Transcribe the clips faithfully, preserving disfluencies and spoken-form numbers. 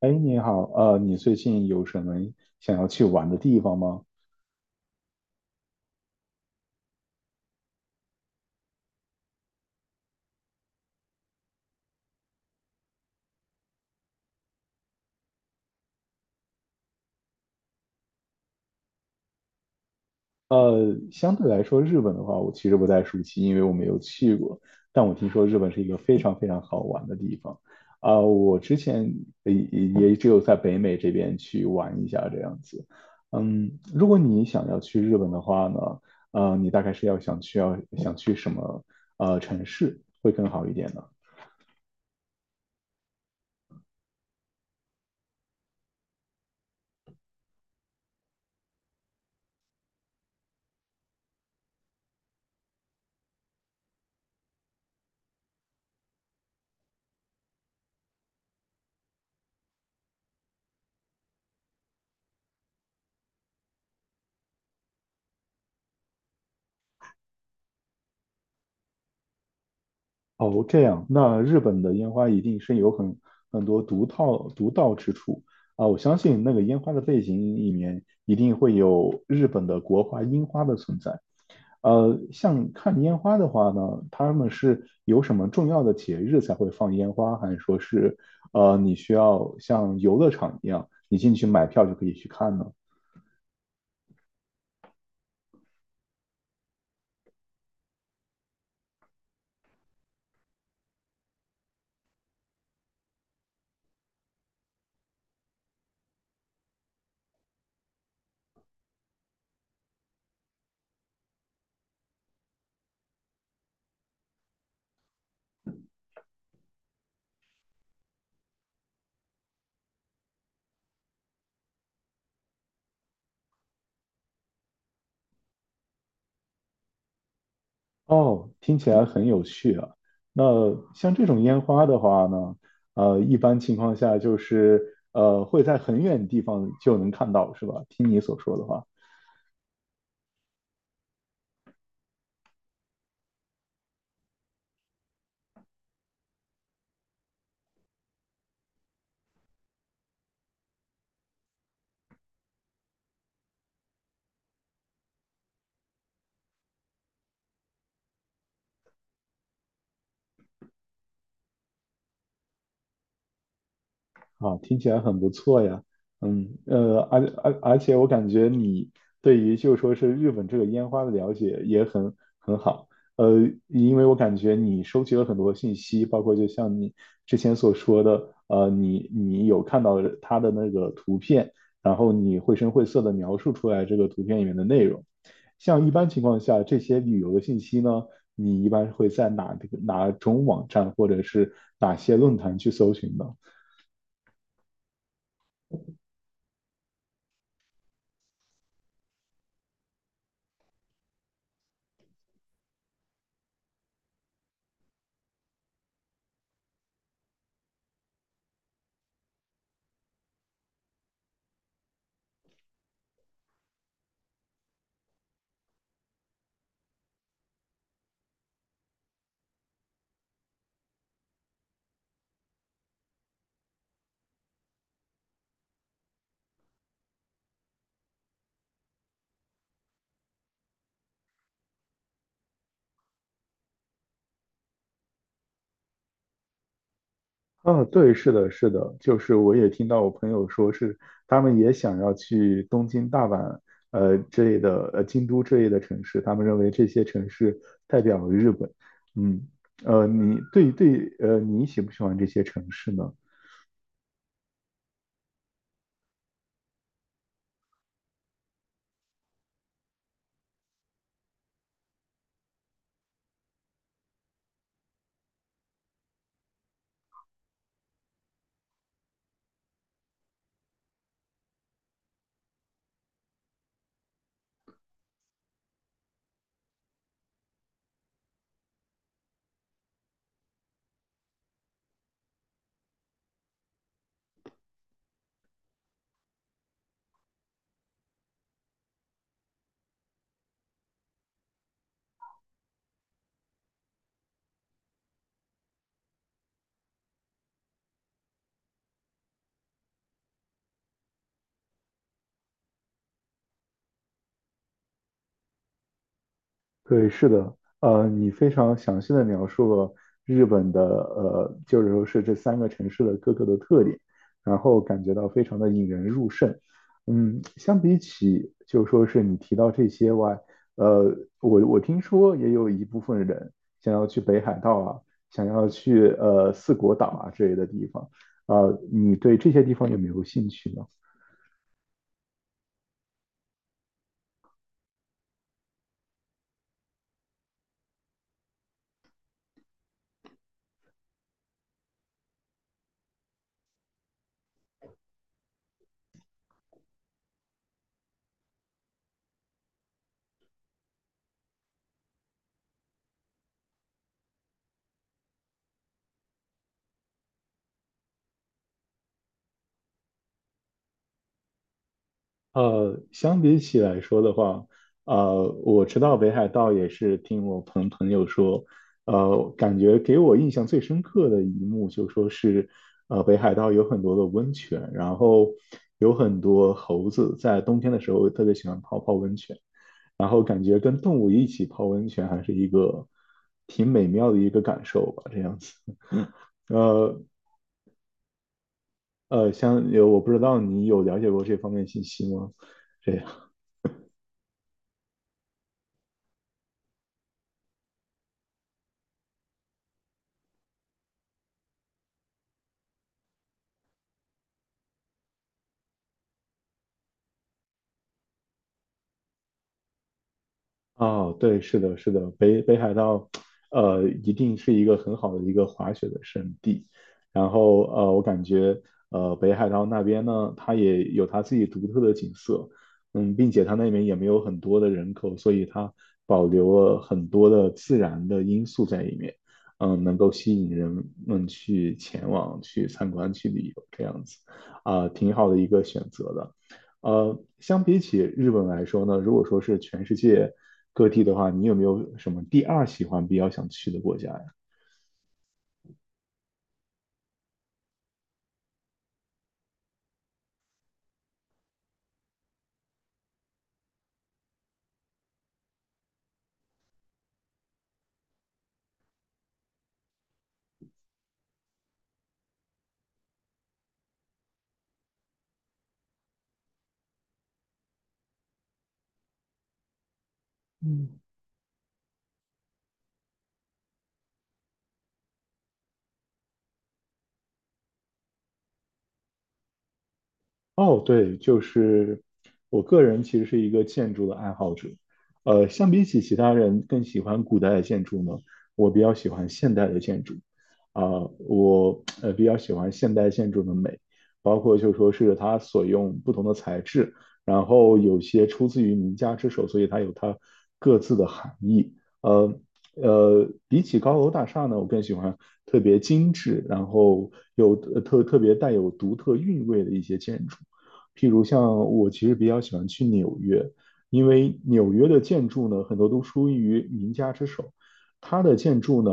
哎，你好，呃，你最近有什么想要去玩的地方吗？呃，相对来说，日本的话，我其实不太熟悉，因为我没有去过。但我听说日本是一个非常非常好玩的地方，啊、我之前也也也只有在北美这边去玩一下这样子。嗯，如果你想要去日本的话呢，呃，你大概是要想去要想去什么呃城市会更好一点呢？哦，这样，那日本的烟花一定是有很很多独到独到之处啊！我相信那个烟花的背景里面一定会有日本的国花樱花的存在。呃，像看烟花的话呢，他们是有什么重要的节日才会放烟花，还是说是呃你需要像游乐场一样，你进去买票就可以去看呢？哦，听起来很有趣啊。那像这种烟花的话呢，呃，一般情况下就是呃会在很远的地方就能看到，是吧？听你所说的话。啊，听起来很不错呀。嗯，呃，而而而且我感觉你对于就说是日本这个烟花的了解也很很好。呃，因为我感觉你收集了很多信息，包括就像你之前所说的，呃，你你有看到它的那个图片，然后你绘声绘色的描述出来这个图片里面的内容。像一般情况下，这些旅游的信息呢，你一般会在哪哪种网站或者是哪些论坛去搜寻呢？啊，对，是的，是的，就是我也听到我朋友说是，他们也想要去东京、大阪，呃之类的，呃京都之类的城市，他们认为这些城市代表了日本。嗯，呃，你对对，呃，你喜不喜欢这些城市呢？对，是的，呃，你非常详细的描述了日本的呃，就是说是这三个城市的各个的特点，然后感觉到非常的引人入胜。嗯，相比起就说是你提到这些外，呃，我我听说也有一部分人想要去北海道啊，想要去呃四国岛啊之类的地方，呃，你对这些地方有没有兴趣呢？呃，相比起来说的话，呃，我知道北海道也是听我朋朋友说，呃，感觉给我印象最深刻的一幕就说是，呃，北海道有很多的温泉，然后有很多猴子在冬天的时候特别喜欢泡泡温泉，然后感觉跟动物一起泡温泉还是一个挺美妙的一个感受吧，这样子。呃呃，像有我不知道你有了解过这方面信息吗？这样。哦，对，是的，是的，北北海道，呃，一定是一个很好的一个滑雪的圣地。然后，呃，我感觉，呃，北海道那边呢，它也有它自己独特的景色，嗯，并且它那边也没有很多的人口，所以它保留了很多的自然的因素在里面，嗯，能够吸引人们去前往、去参观、去旅游这样子，啊、挺好的一个选择的。呃，相比起日本来说呢，如果说是全世界各地的话，你有没有什么第二喜欢比较想去的国家呀？嗯。哦，对，就是我个人其实是一个建筑的爱好者，呃，相比起其他人更喜欢古代的建筑呢，我比较喜欢现代的建筑，啊、我呃比较喜欢现代建筑的美，包括就说是它所用不同的材质，然后有些出自于名家之手，所以它有它各自的含义，呃呃，比起高楼大厦呢，我更喜欢特别精致，然后有呃特特别带有独特韵味的一些建筑。譬如像我其实比较喜欢去纽约，因为纽约的建筑呢，很多都出于名家之手。它的建筑呢，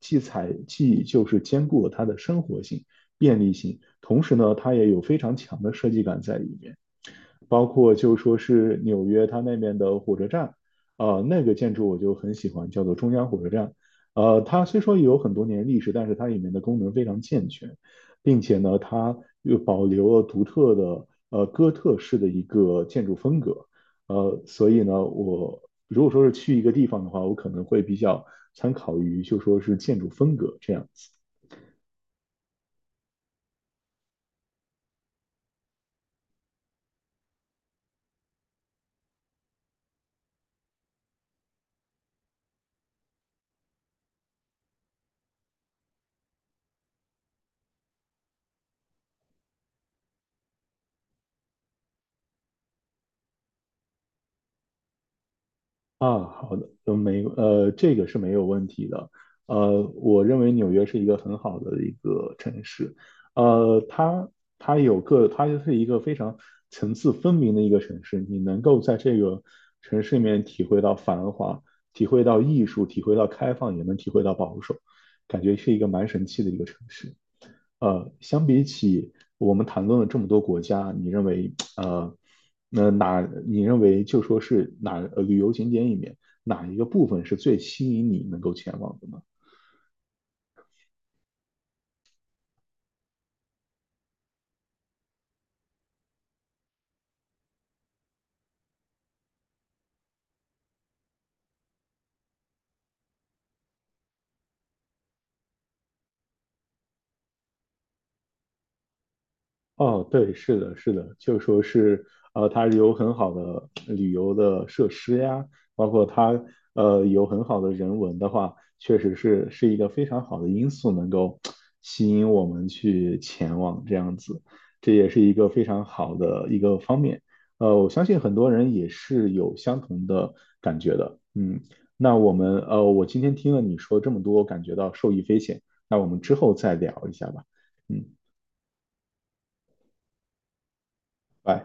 既采既就是兼顾了它的生活性、便利性，同时呢，它也有非常强的设计感在里面。包括就说是纽约它那边的火车站，呃，那个建筑我就很喜欢，叫做中央火车站。呃，它虽说有很多年历史，但是它里面的功能非常健全，并且呢，它又保留了独特的呃哥特式的一个建筑风格。呃，所以呢，我如果说是去一个地方的话，我可能会比较参考于就说是建筑风格这样子。啊，好的，呃，没，呃，这个是没有问题的。呃，我认为纽约是一个很好的一个城市，呃，它它有个，它就是一个非常层次分明的一个城市，你能够在这个城市里面体会到繁华，体会到艺术，体会到开放，也能体会到保守，感觉是一个蛮神奇的一个城市。呃，相比起我们谈论了这么多国家，你认为呃，那哪你认为就说是哪呃旅游景点里面哪一个部分是最吸引你能够前往的呢？哦，对，是的，是的，就说是，呃，它有很好的旅游的设施呀，包括它，呃，有很好的人文的话，确实是是一个非常好的因素，能够吸引我们去前往这样子，这也是一个非常好的一个方面。呃，我相信很多人也是有相同的感觉的。嗯，那我们，呃，我今天听了你说这么多，感觉到受益匪浅。那我们之后再聊一下吧。嗯，拜。